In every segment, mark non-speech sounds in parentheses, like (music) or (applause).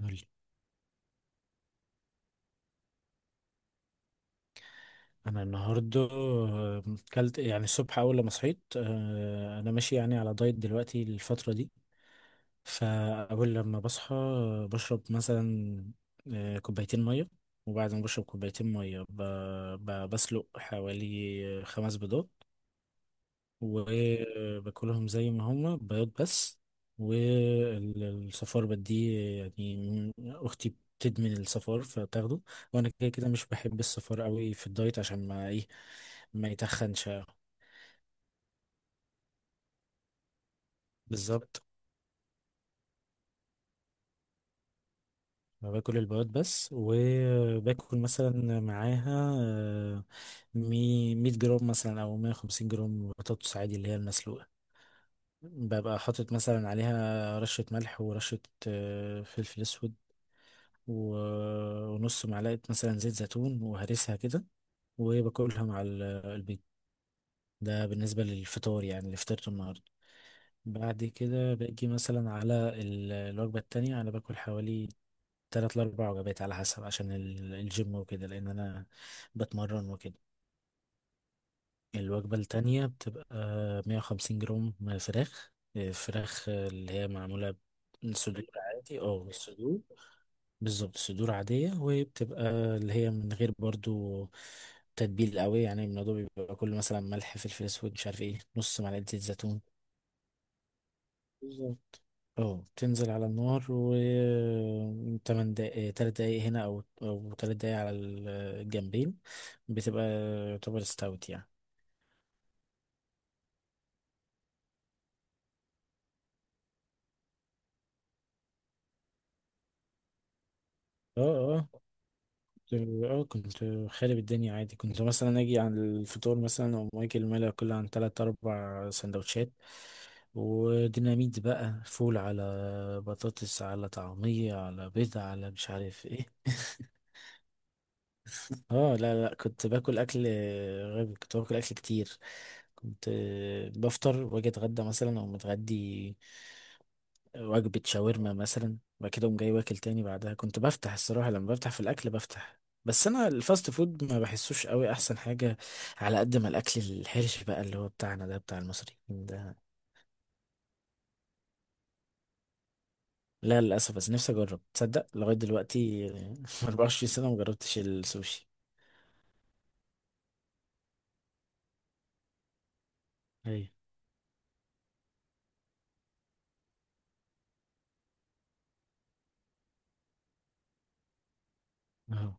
قولي. انا النهارده كلت يعني الصبح اول لما صحيت، انا ماشي يعني على دايت دلوقتي الفتره دي. فاول لما بصحى بشرب مثلا كوبايتين ميه. وبعد ما بشرب كوبايتين ميه بسلق حوالي خمس بيضات وباكلهم زي ما هما بياض بس، والصفار بديه يعني اختي بتدمن الصفار فبتاخده. وانا كده كده مش بحب الصفار قوي في الدايت عشان ما ايه، ما يتخنش. بالظبط. باكل البياض بس، وباكل مثلا معاها، 100 جرام مثلا او 150 جرام بطاطس عادي اللي هي المسلوقة، ببقى حاطط مثلا عليها رشة ملح ورشة فلفل اسود و- ونص معلقة مثلا زيت زيتون، وهرسها كده وباكلها مع البيض. ده بالنسبة للفطار يعني اللي فطرته النهاردة. بعد كده باجي مثلا على الوجبة التانية. أنا باكل حوالي تلات لأربع وجبات على حسب عشان الجيم وكده، لأن أنا بتمرن وكده. الوجبة التانية بتبقى 150 جرام فراخ. اللي هي معمولة من صدور عادي. اه، من الصدور. بالظبط، صدور عادية. وبتبقى اللي هي من غير برضو تتبيل قوي، يعني الموضوع بيبقى كله مثلا ملح، فلفل اسود، مش عارف ايه، نص معلقة زيت زيتون. بالظبط. اه. تنزل على النار و تمن دقايق، تلات دقايق هنا او تلات دقايق على الجنبين. بتبقى يعتبر استوت يعني. اه، اه، اه، كنت خارب الدنيا عادي، كنت مثلا اجي على الفطور مثلا او اكل ملا كل عن تلات اربع سندوتشات وديناميت بقى، فول على بطاطس على طعمية على بيض على مش عارف ايه. (laughs) اه، لا، لا، كنت باكل اكل غبي، كنت باكل اكل كتير. كنت بفطر واجي اتغدى مثلا او متغدي وجبة شاورما مثلا، وبعد كده أقوم جاي واكل تاني بعدها. كنت بفتح، الصراحة لما بفتح في الأكل بفتح. بس أنا الفاست فود ما بحسوش قوي أحسن حاجة على قد ما الأكل الحرش بقى اللي هو بتاعنا ده بتاع المصريين. ده. لا للأسف، بس نفسي أجرب، تصدق لغاية دلوقتي (laughs) 24 سنة مجربتش السوشي. أيوة. أهو.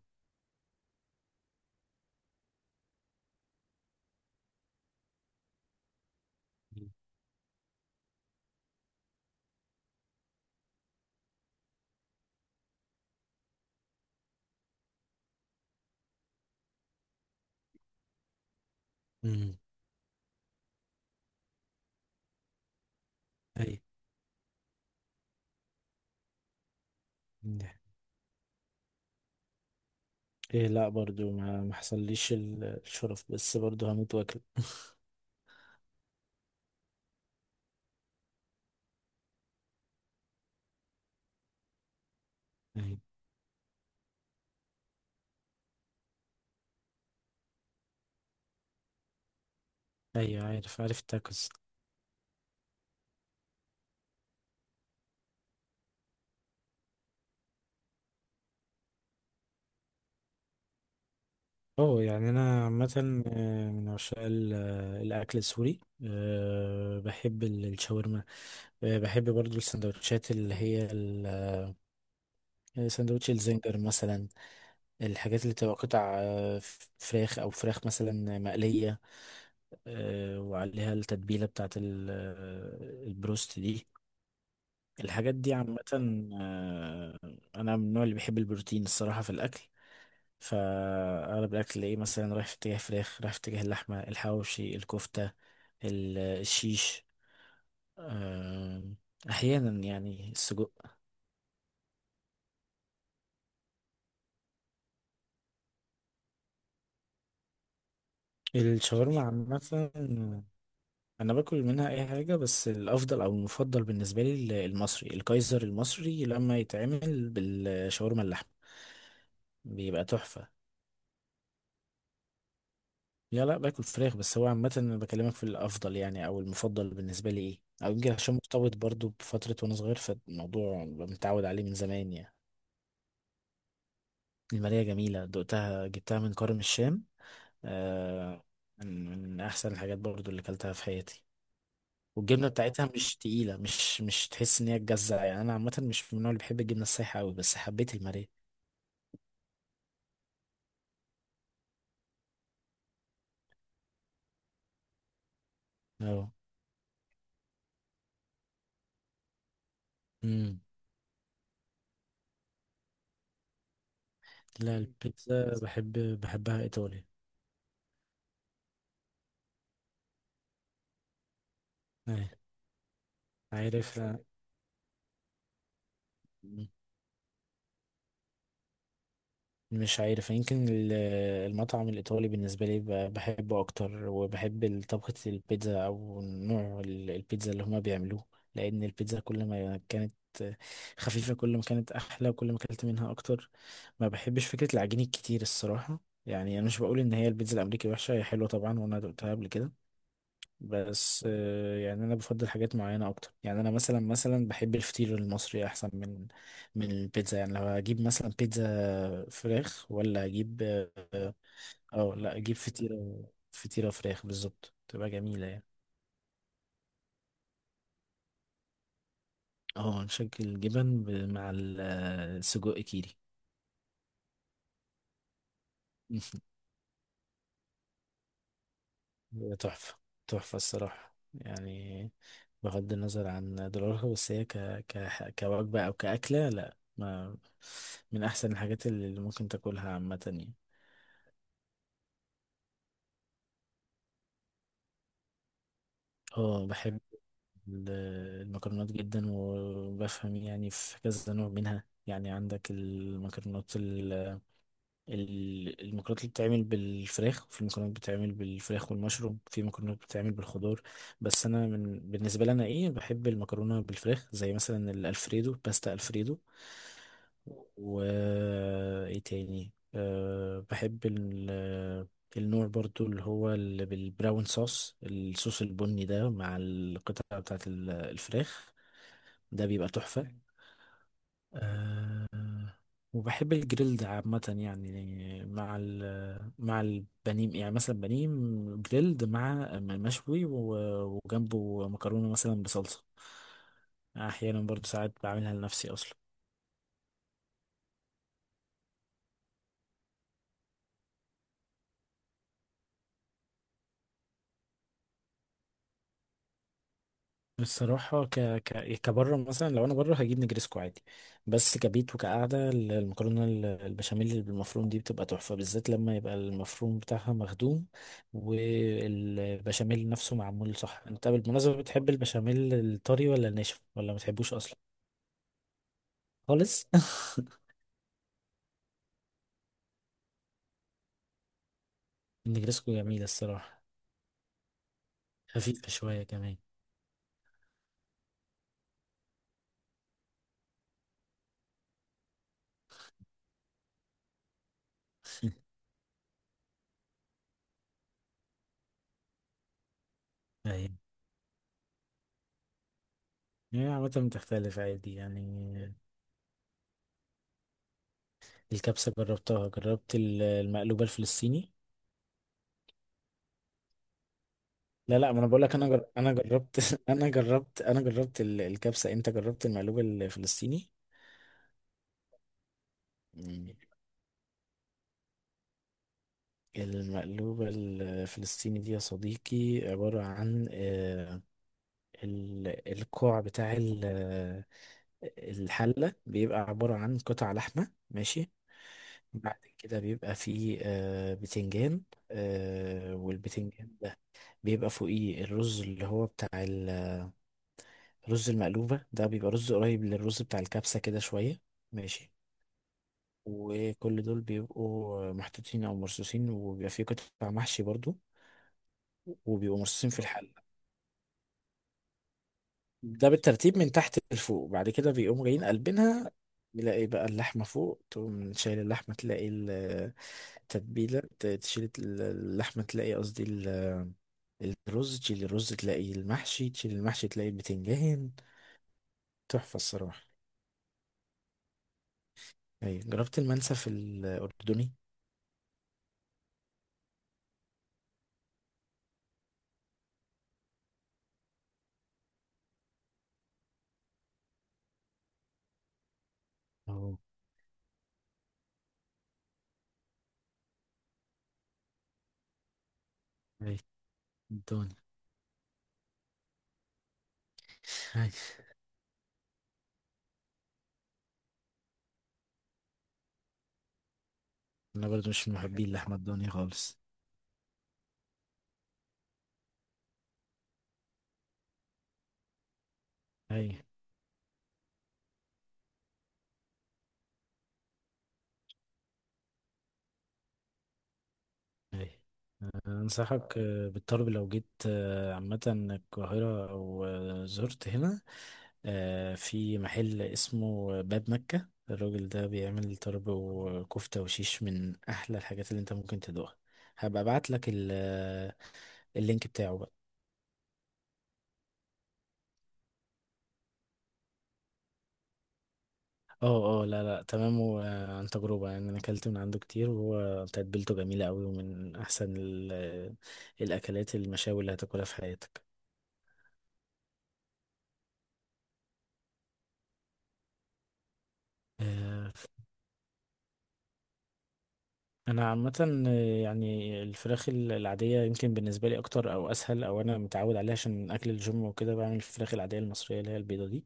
أمم. أيوة. ده. إيه، لا برضو ما حصليش الشرف، بس برضو هموت واكل. (laughs) أيوة، أيوة، عارف عارف التاكوز. اه، يعني انا عامه، من عشاق الاكل السوري. بحب الشاورما. بحب برضو السندوتشات اللي هي سندوتش الزنجر مثلا. الحاجات اللي بتبقى قطع، فراخ او فراخ مثلا مقليه، وعليها التتبيله بتاعت البروست دي. الحاجات دي عامه. انا من النوع اللي بيحب البروتين الصراحه في الاكل، فأغلب الأكل تلاقيه مثلا رايح في اتجاه فراخ، رايح في اتجاه اللحمة، الحواوشي، الكفتة، الشيش، آم، أحيانا يعني السجق. الشاورما عامة أنا باكل منها أي حاجة، بس الأفضل أو المفضل بالنسبة لي المصري، الكايزر المصري لما يتعمل بالشاورما اللحمة بيبقى تحفة. لا، لا، باكل فراخ، بس هو عامة أنا بكلمك في الأفضل يعني أو المفضل بالنسبة لي إيه. أو يمكن عشان مرتبط برضو بفترة وأنا صغير، فالموضوع متعود عليه من زمان يعني. المالية جميلة دقتها، جبتها من كرم الشام. آه. من أحسن الحاجات برضو اللي أكلتها في حياتي. والجبنة بتاعتها مش تقيلة، مش تحس إن هي تجزع. يعني أنا عامة مش من النوع اللي بحب الجبنة السايحة أوي، بس حبيت المالية. أه. أمم. لا. مم. البيتزا بحب، بحبها إيطالي. أي، عارف. مش عارف، يمكن المطعم الإيطالي بالنسبة لي بحبه أكتر، وبحب طبخة البيتزا أو نوع البيتزا اللي هما بيعملوه، لأن البيتزا كل ما كانت خفيفة كل ما كانت أحلى، وكل ما أكلت منها أكتر. ما بحبش فكرة العجين الكتير الصراحة. يعني أنا مش بقول إن هي البيتزا الأمريكي وحشة، هي حلوة طبعا وأنا دقتها قبل كده، بس يعني انا بفضل حاجات معينه اكتر، يعني انا مثلا بحب الفطير المصري احسن من البيتزا. يعني لو هجيب مثلا بيتزا فراخ ولا اجيب، اه، أو لا اجيب فطيره فراخ بالظبط، تبقى جميله يعني. اه، نشكل الجبن مع السجق كيري. (laughs) هي تحفة، تحفة الصراحة يعني، بغض النظر عن دولارها، بس هي كوجبة أو كأكلة، لا، ما، من أحسن الحاجات اللي ممكن تاكلها عامة يعني. اه، بحب ال- المكرونات جدا، وبفهم يعني في كذا نوع منها. يعني عندك المكرونات، المكرونات اللي بتتعمل بالفراخ، وفي مكرونات بتتعمل بالفراخ والمشروم، في مكرونات بتتعمل بالخضار. بس انا من، بالنسبه لي انا ايه، بحب المكرونه بالفراخ زي مثلا الالفريدو، باستا الفريدو، و ايه تاني، أه بحب النوع برضو اللي هو بالبراون صوص، الصوص البني ده، مع القطعه بتاعت الفراخ. ده بيبقى تحفه. آه. وبحب الجريلد عامة يعني، مع مع البانيه. يعني مثلا بانيه جريلد مع مشوي وجنبه مكرونة مثلا بصلصة. أحيانا برضو ساعات بعملها لنفسي أصلا. الصراحة كبره مثلا، لو انا بره هجيب نجرسكو عادي، بس كبيت وكقعدة المكرونة البشاميل اللي بالمفروم دي بتبقى تحفة، بالذات لما يبقى المفروم بتاعها مخدوم والبشاميل نفسه معمول صح. انت بالمناسبة بتحب البشاميل الطري ولا الناشف ولا ما بتحبوش اصلا؟ خالص. (laughs) النجرسكو جميلة الصراحة. خفيفة شوية كمان. (laughs) ايوه، هي عامة بتختلف عادي يعني. الكبسة جربتها، جربت المقلوبة الفلسطيني. لا، لا، ما انا بقول لك انا انا جربت، (laughs) انا جربت الكبسه، انت جربت المقلوب الفلسطيني؟ مم. المقلوبة الفلسطيني دي يا صديقي عبارة عن الكوع بتاع الحلة، بيبقى عبارة عن قطع لحمة ماشي. بعد كده بيبقى فيه بتنجان، والبتنجان ده بيبقى فوقيه الرز اللي هو بتاع، رز المقلوبة ده بيبقى رز قريب للرز بتاع الكبسة كده شوية، ماشي. وكل دول بيبقوا محطوطين أو مرصوصين، وبيبقى فيه قطع محشي برضو، وبيبقوا مرصوصين في الحلة. ده بالترتيب من تحت لفوق. بعد كده بيقوموا جايين قلبينها، بيلاقي بقى اللحمة فوق، تقوم شايل اللحمة تلاقي التتبيلة، تشيل اللحمة تلاقي قصدي الرز، تشيل الرز تلاقي المحشي، تشيل المحشي تلاقي البتنجان. تحفة الصراحة. أيوة، جربت المنسف الأردني؟ اهو. اي. الدنيا. اي. انا برضو مش من محبين لحمة الدنيا خالص. اي. اي. انصحك بالطلب، لو جيت عامة القاهرة او زرت هنا، في محل اسمه باب مكة. الراجل ده بيعمل طرب وكفتة وشيش من احلى الحاجات اللي انت ممكن تدوقها. هبقى ابعت لك اللينك بتاعه. اه، اه، لا، لا تمام، وعن تجربة يعني انا اكلت من عنده كتير، وهو تتبيلته جميلة قوي، ومن احسن الاكلات المشاوي اللي هتاكلها في حياتك. آه، انا عامة، يعني الفراخ العادية يمكن بالنسبة لي اكتر او اسهل، او انا متعود عليها عشان اكل الجيم وكده، بعمل الفراخ العادية المصرية اللي هي البيضة دي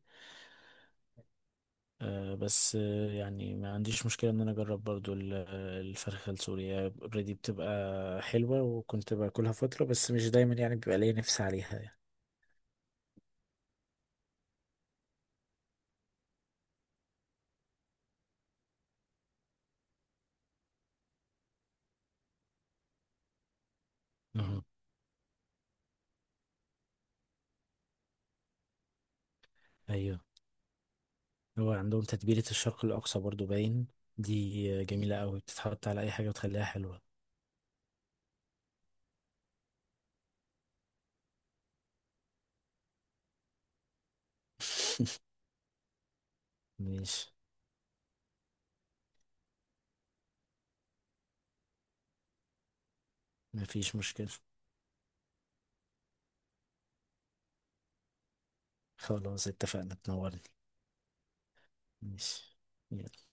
آه، بس يعني ما عنديش مشكلة ان انا اجرب برضو الفرخة السورية. اوريدي بتبقى حلوة، وكنت باكلها فترة بس مش دايما، يعني بيبقى ليا نفسي عليها يعني. ايوه، هو عندهم تتبيلة الشرق الأقصى برضو باين، دي جميلة قوي، بتتحط على أي حاجة وتخليها حلوة. (laughs) ماشي. مفيش مشكلة. خلاص اتفقنا، تنورني. ماشي.